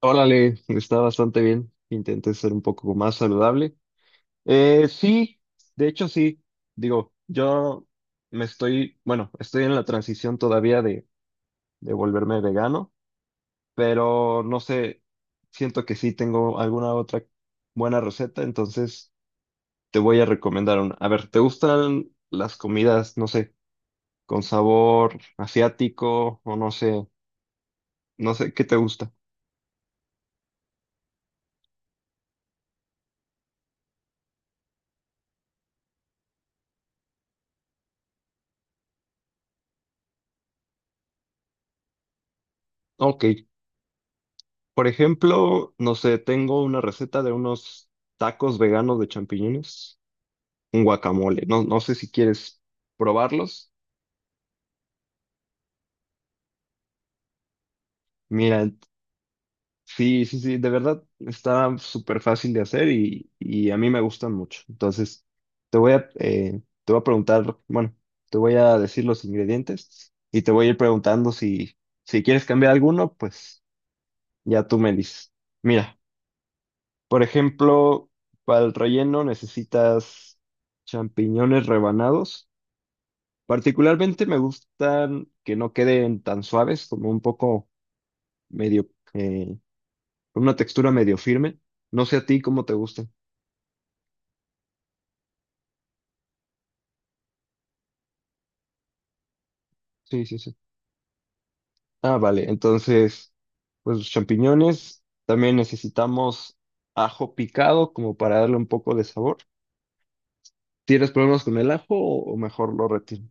Órale, está bastante bien. Intenté ser un poco más saludable. Sí, de hecho sí. Digo, yo estoy en la transición todavía de volverme vegano, pero no sé, siento que sí tengo alguna otra buena receta, entonces te voy a recomendar una. A ver, ¿te gustan las comidas, no sé, con sabor asiático o no sé, qué te gusta? Ok. Por ejemplo, no sé, tengo una receta de unos tacos veganos de champiñones, un guacamole. No sé si quieres probarlos. Mira, sí, sí, sí, de verdad está súper fácil de hacer y a mí me gustan mucho. Entonces, te voy a preguntar, bueno, te voy a decir los ingredientes y te voy a ir preguntando si, si quieres cambiar alguno, pues ya tú me dices. Mira, por ejemplo, para el relleno necesitas champiñones rebanados. Particularmente me gustan que no queden tan suaves, como un poco medio, eh, con una textura medio firme. No sé a ti cómo te gustan. Sí, sí, sí. Ah, vale. Entonces, pues los champiñones. También necesitamos ajo picado como para darle un poco de sabor. ¿Tienes problemas con el ajo o mejor lo retiro?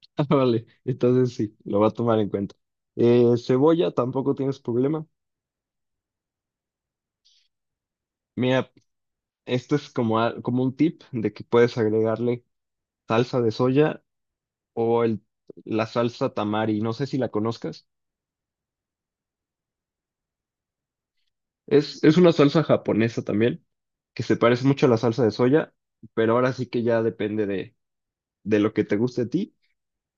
Ah, vale, entonces sí, lo va a tomar en cuenta. Cebolla, tampoco tienes problema. Mira, esto es como un tip de que puedes agregarle salsa de soya o la salsa tamari. No sé si la conozcas. Es una salsa japonesa también, que se parece mucho a la salsa de soya, pero ahora sí que ya depende de lo que te guste a ti.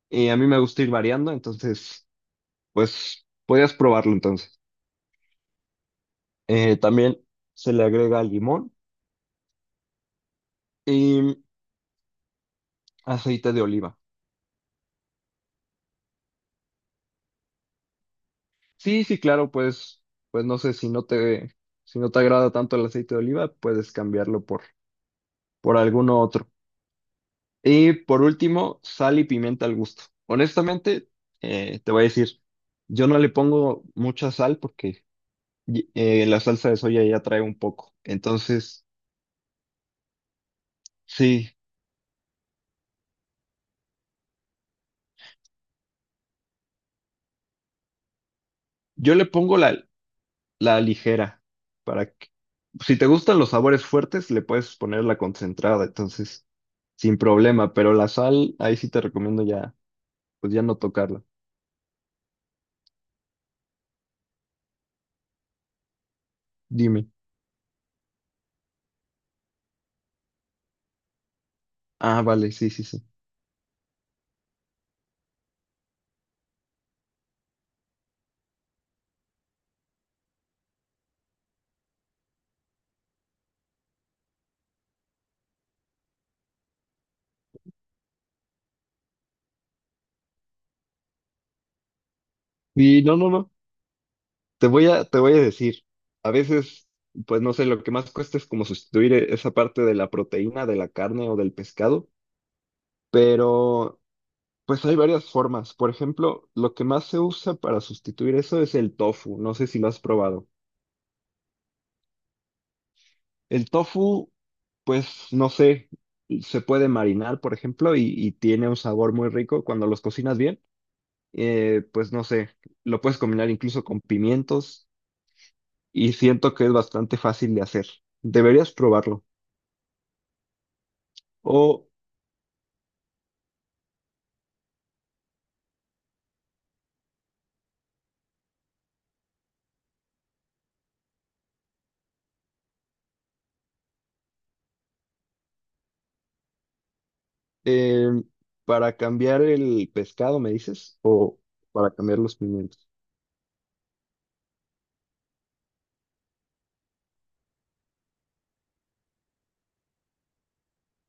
Y a mí me gusta ir variando, entonces, pues, podrías probarlo entonces. También se le agrega limón y aceite de oliva. Sí, sí, claro, pues no sé si no te, si no te agrada tanto el aceite de oliva, puedes cambiarlo por alguno otro. Y por último, sal y pimienta al gusto. Honestamente, te voy a decir, yo no le pongo mucha sal porque la salsa de soya ya trae un poco. Entonces, sí, yo le pongo la ligera para que, si te gustan los sabores fuertes, le puedes poner la concentrada, entonces, sin problema, pero la sal, ahí sí te recomiendo ya pues ya no tocarla. Dime. Ah, vale, sí, sí, sí. Y no, no, no. Te voy a decir. A veces, pues no sé, lo que más cuesta es como sustituir esa parte de la proteína, de la carne o del pescado, pero pues hay varias formas. Por ejemplo, lo que más se usa para sustituir eso es el tofu. No sé si lo has probado. El tofu, pues no sé, se puede marinar, por ejemplo, y tiene un sabor muy rico cuando los cocinas bien. Pues no sé, lo puedes combinar incluso con pimientos y siento que es bastante fácil de hacer. Deberías probarlo. O eh, para cambiar el pescado, me dices, o para cambiar los pimientos.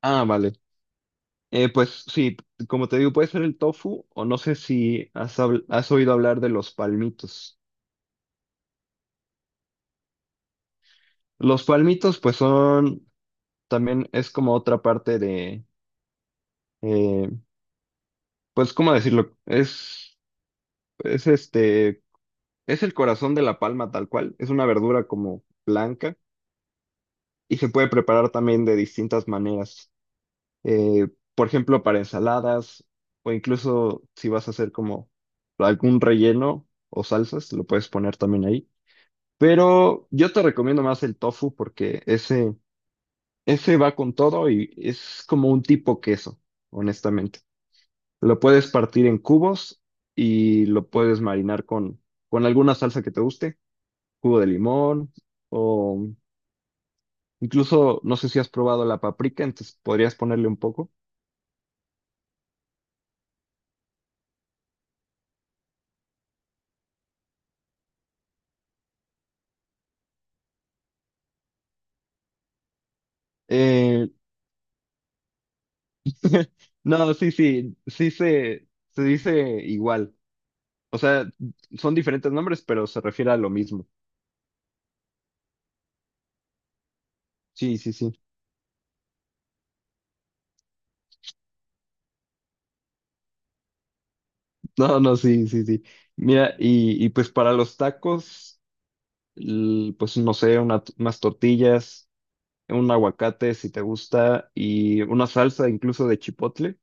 Ah, vale. Pues sí, como te digo, puede ser el tofu o no sé si has oído hablar de los palmitos. Los palmitos pues son, también es como otra parte eh, pues, ¿cómo decirlo? Es este es el corazón de la palma tal cual. Es una verdura como blanca y se puede preparar también de distintas maneras. Eh, por ejemplo, para ensaladas o incluso si vas a hacer como algún relleno o salsas, lo puedes poner también ahí. Pero yo te recomiendo más el tofu porque ese va con todo y es como un tipo queso, honestamente. Lo puedes partir en cubos y lo puedes marinar con alguna salsa que te guste. Jugo de limón o incluso no sé si has probado la paprika, entonces podrías ponerle un poco. Eh, no, sí, sí, sí se dice igual. O sea, son diferentes nombres, pero se refiere a lo mismo. Sí, sí, sí. No, no, sí, sí, sí. Mira, pues para los tacos, pues no sé, unas tortillas, un aguacate si te gusta, y una salsa incluso de chipotle,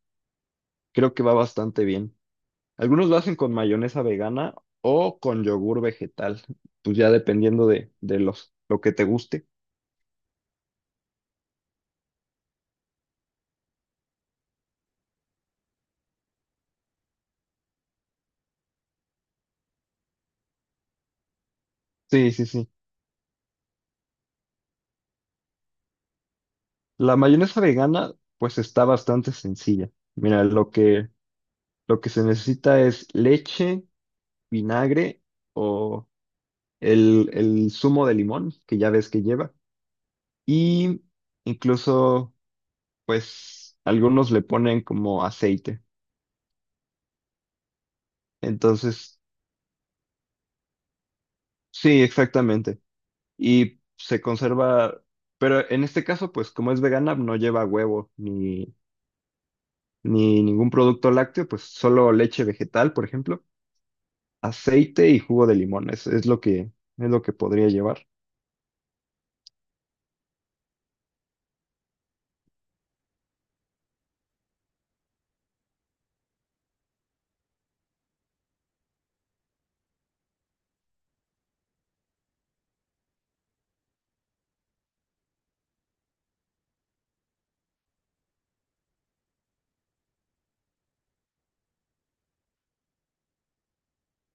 creo que va bastante bien. Algunos lo hacen con mayonesa vegana o con yogur vegetal, pues ya dependiendo de lo que te guste. Sí, sí, sí. La mayonesa vegana, pues está bastante sencilla. Mira, lo que se necesita es leche, vinagre o el zumo de limón, que ya ves que lleva. Y incluso, pues, algunos le ponen como aceite. Entonces, sí, exactamente. Y se conserva, pero en este caso, pues como es vegana, no lleva huevo ni ningún producto lácteo, pues solo leche vegetal, por ejemplo, aceite y jugo de limón, es lo que podría llevar.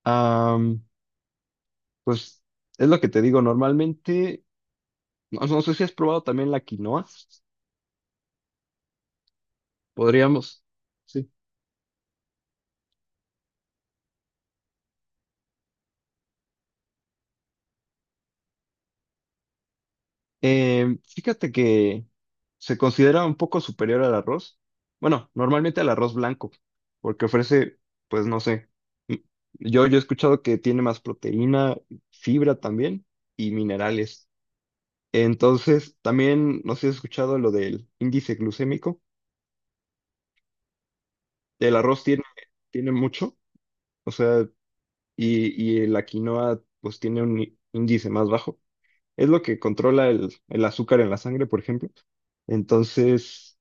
Am, pues es lo que te digo, normalmente, no, no sé si has probado también la quinoa, podríamos. Sí. Eh, Fíjate que se considera un poco superior al arroz. Bueno, normalmente al arroz blanco, porque ofrece, pues no sé. m- Yo, yo he escuchado que tiene más proteína, fibra también y minerales. Entonces, también, no sé si has escuchado lo del índice glucémico. El arroz tiene mucho, o sea, y la quinoa, pues tiene un índice más bajo. Es lo que controla el azúcar en la sangre, por ejemplo. Entonces,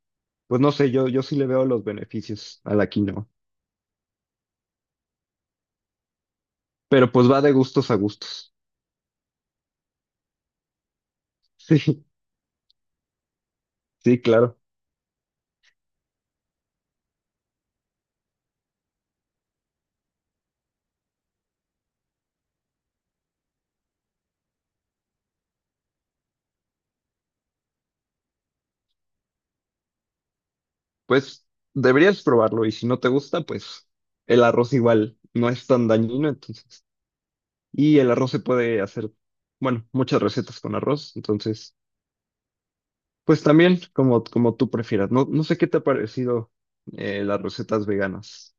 pues no sé, yo sí le veo los beneficios a la quinoa, pero pues va de gustos a gustos. Sí, sí, claro. Pues deberías probarlo y si no te gusta, pues el arroz igual no es tan dañino, entonces. Y el arroz se puede hacer, bueno, muchas recetas con arroz, entonces, pues también como, como tú prefieras. No, no sé qué te ha parecido las recetas veganas.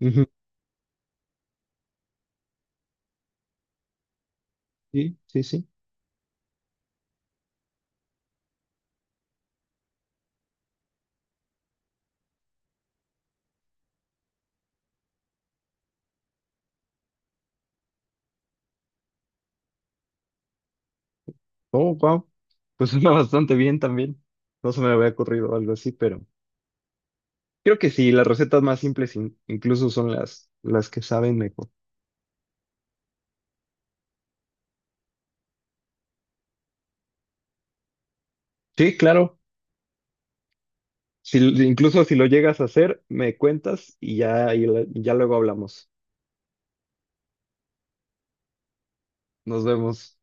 Ujú. Sí, sí, sí. Oh, wow. Pues suena bastante bien también. No se me había ocurrido algo así, pero creo que sí, las recetas más simples incluso son las que saben mejor. Sí, claro. Si, incluso si lo llegas a hacer, me cuentas y ya, y ya luego hablamos. Nos vemos.